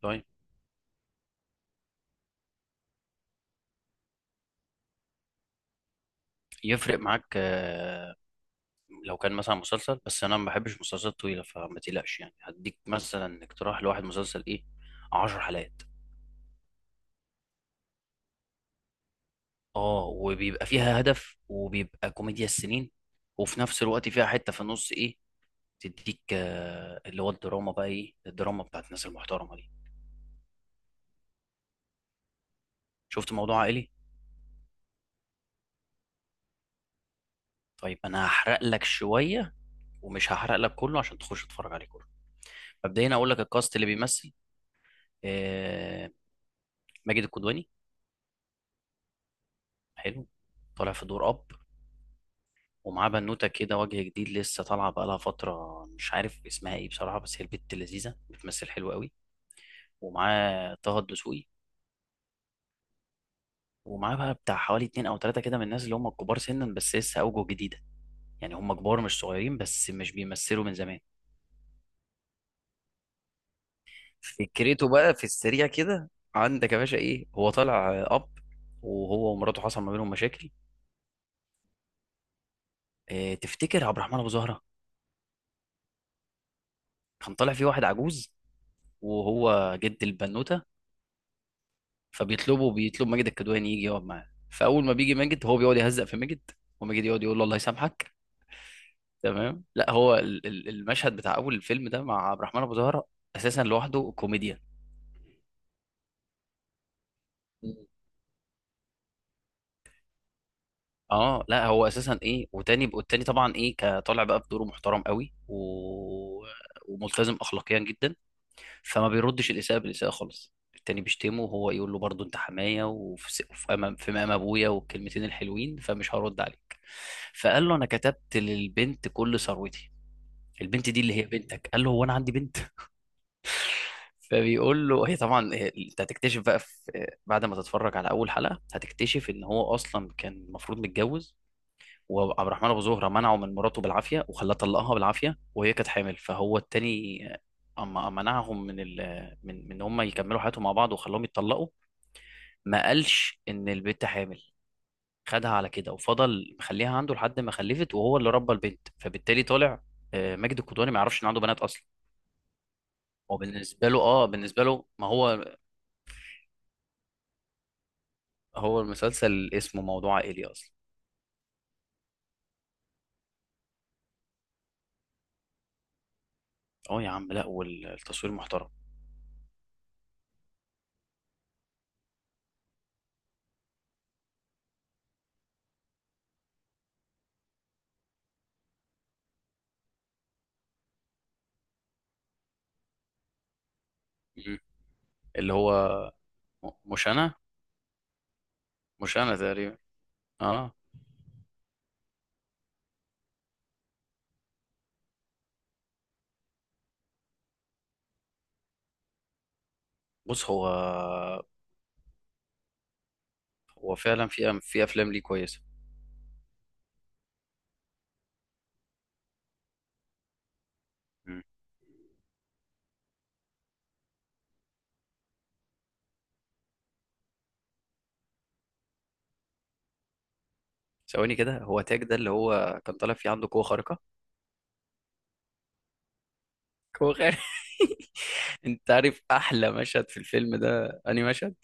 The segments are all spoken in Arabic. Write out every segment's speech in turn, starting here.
طيب، يفرق معاك؟ لو كان مثلا مسلسل، بس انا ما بحبش مسلسلات طويله، فما تقلقش، يعني هديك مثلا اقتراح لواحد مسلسل ايه، عشر حلقات. اه، وبيبقى فيها هدف، وبيبقى كوميديا السنين، وفي نفس الوقت فيها حته في النص ايه تديك، اللي هو الدراما بقى، ايه الدراما بتاعت الناس المحترمه دي. شفت موضوع عائلي؟ طيب، انا هحرق لك شويه ومش هحرق لك كله عشان تخش تتفرج عليه كله. مبدئيا اقول لك الكاست اللي بيمثل، آه، ماجد الكدواني. حلو، طالع في دور اب، ومعاه بنوته كده وجه جديد لسه طالعه بقالها فتره، مش عارف اسمها ايه بصراحه، بس هي البت لذيذه بتمثل حلو قوي. ومعاه طه الدسوقي، ومعاه بقى بتاع حوالي اتنين او تلاته كده من الناس اللي هم الكبار سنا بس لسه اوجه جديده، يعني هم كبار مش صغيرين بس مش بيمثلوا من زمان. فكرته بقى في السريع كده، عندك يا باشا، ايه هو طالع اب، وهو ومراته حصل ما بينهم مشاكل. اه، تفتكر عبد الرحمن ابو زهره؟ كان طالع فيه واحد عجوز، وهو جد البنوته، فبيطلبه بيطلب ماجد الكدواني يجي يقعد معاه. فاول ما بيجي ماجد، هو بيقعد يهزق في ماجد، وماجد يقعد يقول له الله يسامحك. تمام، لا هو المشهد بتاع اول الفيلم ده مع عبد الرحمن ابو زهره اساسا لوحده كوميديا. مم. اه لا، هو اساسا ايه وتاني، والتاني طبعا ايه، كطالع بقى بدوره محترم قوي، وملتزم اخلاقيا جدا، فما بيردش الاساءه بالاساءه خالص. التاني بيشتمه وهو يقول له برضه، انت حمايه، وفي وفي امام، في مقام ابويا، والكلمتين الحلوين، فمش هرد عليك. فقال له، انا كتبت للبنت كل ثروتي، البنت دي اللي هي بنتك. قال له، هو انا عندي بنت؟ فبيقول له هي، طبعا انت هتكتشف بقى في، بعد ما تتفرج على اول حلقه، هتكتشف ان هو اصلا كان المفروض متجوز، وعبد الرحمن ابو زهره منعه من مراته بالعافيه وخلاه طلقها بالعافيه وهي كانت حامل. فهو التاني اما منعهم من هم يكملوا حياتهم مع بعض وخلاهم يتطلقوا، ما قالش ان البنت حامل، خدها على كده وفضل مخليها عنده لحد ما خلفت، وهو اللي ربى البنت. فبالتالي طالع ماجد الكدواني ما يعرفش ان عنده بنات اصلا. هو بالنسبه له ما هو، هو المسلسل اسمه موضوع عائلي اصلا. اه يا عم، لا والتصوير محترم. مهم. اللي هو، م- مش انا مش انا تقريبا. اه، بص، هو فعلا في افلام ليه كويسه. مم. ثواني كده، هو تاج ده اللي هو كان طالع فيه عنده قوه خارقه، قوه خارقه. انت عارف احلى مشهد في الفيلم ده انهي مشهد؟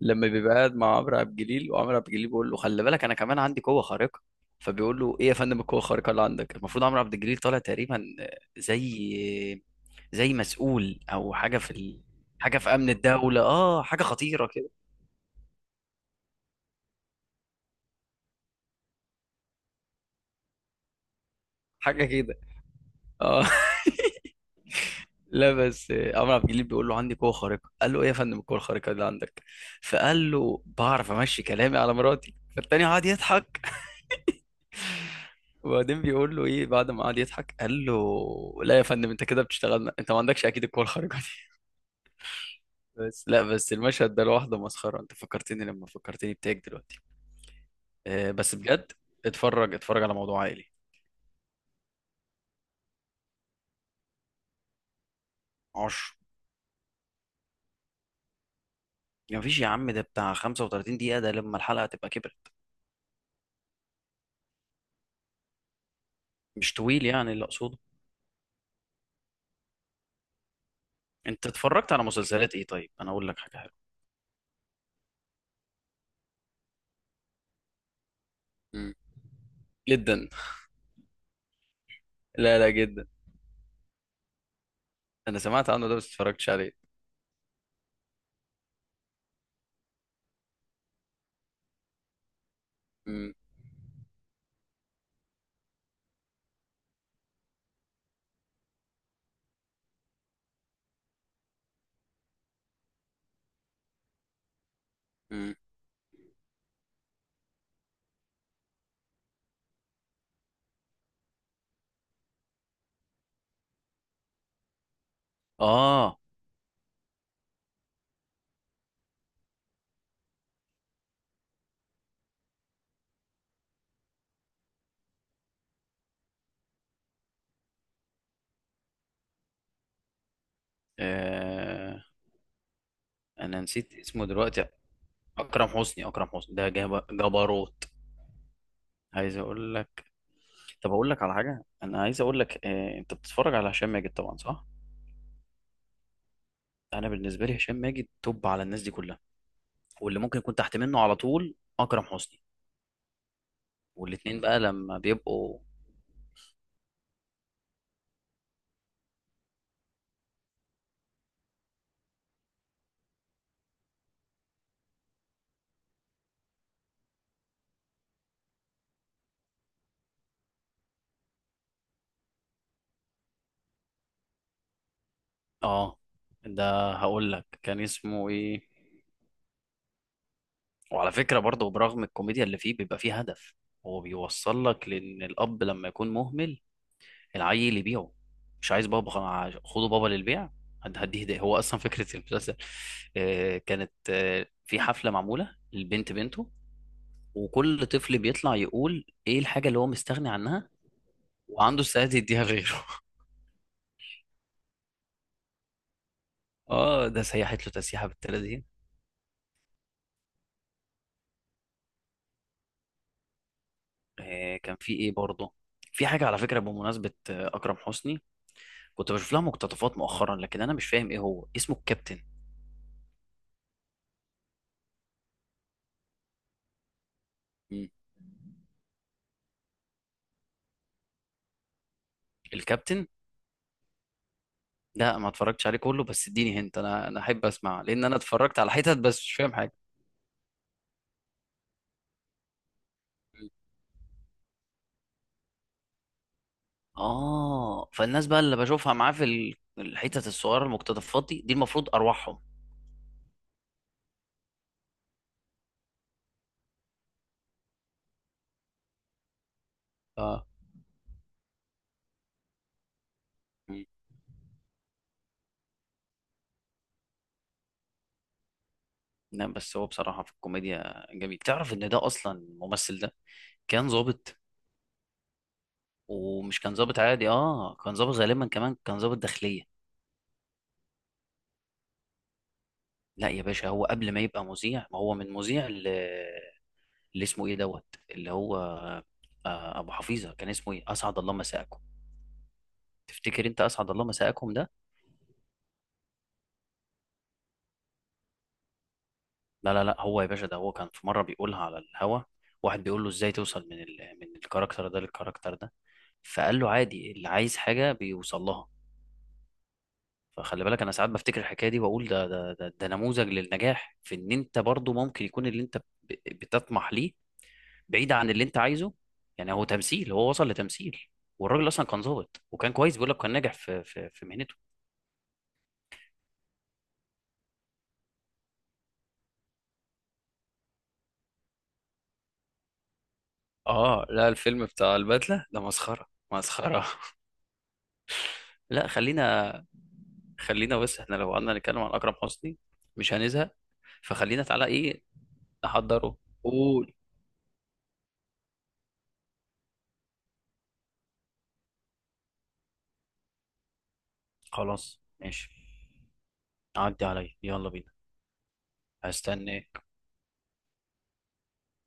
لما بيبقى قاعد مع عمرو عبد الجليل، وعمرو عبد الجليل بيقول له خلي بالك، انا كمان عندي قوه خارقه، فبيقول له ايه يا فندم القوه الخارقه اللي عندك؟ المفروض عمرو عبد الجليل طالع تقريبا زي، مسؤول او حاجه حاجه في امن الدوله، اه حاجه خطيره كده، حاجه كده. اه. لا بس، عمرو عبد الجليل بيقول له عندي قوه خارقه، قال له ايه يا فندم القوه الخارقه اللي عندك؟ فقال له بعرف امشي كلامي على مراتي، فالتاني قعد يضحك. وبعدين بيقول له ايه بعد ما قعد يضحك، قال له لا يا فندم انت كده بتشتغلنا، انت ما عندكش اكيد القوه الخارقه دي. بس لا، بس المشهد ده لوحده مسخره، انت فكرتني لما فكرتني بتاعك دلوقتي. بس بجد، اتفرج اتفرج على موضوع عائلي. عشر. ما فيش يا عم، ده بتاع 35 دقيقه، ده لما الحلقه تبقى كبرت، مش طويل يعني اللي اقصده. انت اتفرجت على مسلسلات ايه؟ طيب انا اقول لك حاجه. مم. جدا. لا لا، جدا. انا سمعت عنه ده بس اتفرجتش عليه. مم. مم. آه. اه، انا نسيت اسمه دلوقتي. اكرم حسني، اكرم حسني ده جبروت. عايز اقول لك، طب اقول لك على حاجه، انا عايز اقول لك. انت بتتفرج على هشام ماجد طبعا صح؟ انا بالنسبه لي هشام ماجد توب على الناس دي كلها، واللي ممكن يكون تحت منه على طول اكرم حسني. والاتنين بقى لما بيبقوا، اه، ده هقول لك كان اسمه ايه. وعلى فكرة برضه، برغم الكوميديا اللي فيه بيبقى فيه هدف، هو بيوصل لك لأن الأب لما يكون مهمل العيل يبيعه، مش عايز بابا خلاص، خده بابا للبيع. هديه ده هو أصلا فكرة المسلسل. كانت في حفلة معمولة للبنت بنته، وكل طفل بيطلع يقول إيه الحاجة اللي هو مستغني عنها وعنده استعداد يديها لغيره. آه، ده سيحت له تسيحة بالتلاتين. كان في إيه برضه، في حاجة على فكرة بمناسبة أكرم حسني، كنت بشوف لها مقتطفات مؤخرا، لكن انا مش فاهم ايه هو اسمه الكابتن. مم. الكابتن. لا ما اتفرجتش عليه كله، بس اديني هنت، انا انا احب اسمع، لان انا اتفرجت على حتت بس مش فاهم حاجه. مم. اه، فالناس بقى اللي بشوفها معاه في الحتت الصغيره المقتطفات دي، المفروض ارواحهم. اه. مم. لا بس، هو بصراحه في الكوميديا جميل. تعرف ان ده اصلا الممثل ده كان ضابط؟ ومش كان ضابط عادي، اه كان ضابط غالبا كمان كان ضابط داخليه. لا يا باشا، هو قبل ما يبقى مذيع، ما هو من مذيع، اللي اسمه ايه دوت، اللي هو ابو حفيظه، كان اسمه ايه، اسعد الله مساءكم. تفتكر انت اسعد الله مساءكم ده؟ لا لا لا، هو يا باشا ده هو كان في مره بيقولها على الهوا، واحد بيقول له ازاي توصل من الكاركتر ده للكاركتر ده، فقال له عادي، اللي عايز حاجه بيوصل لها. فخلي بالك، انا ساعات بفتكر الحكايه دي واقول ده, نموذج للنجاح في ان انت برضو ممكن يكون اللي انت بتطمح ليه بعيد عن اللي انت عايزه. يعني هو تمثيل، هو وصل لتمثيل، والراجل اصلا كان ظابط وكان كويس، بيقول لك كان ناجح في مهنته. اه لا، الفيلم بتاع البدلة ده مسخرة مسخرة. لا خلينا، خلينا بس، احنا لو قعدنا نتكلم عن أكرم حسني مش هنزهق. فخلينا تعالى ايه، نحضره. قول. خلاص ماشي. عدي عليا يلا بينا. هستنى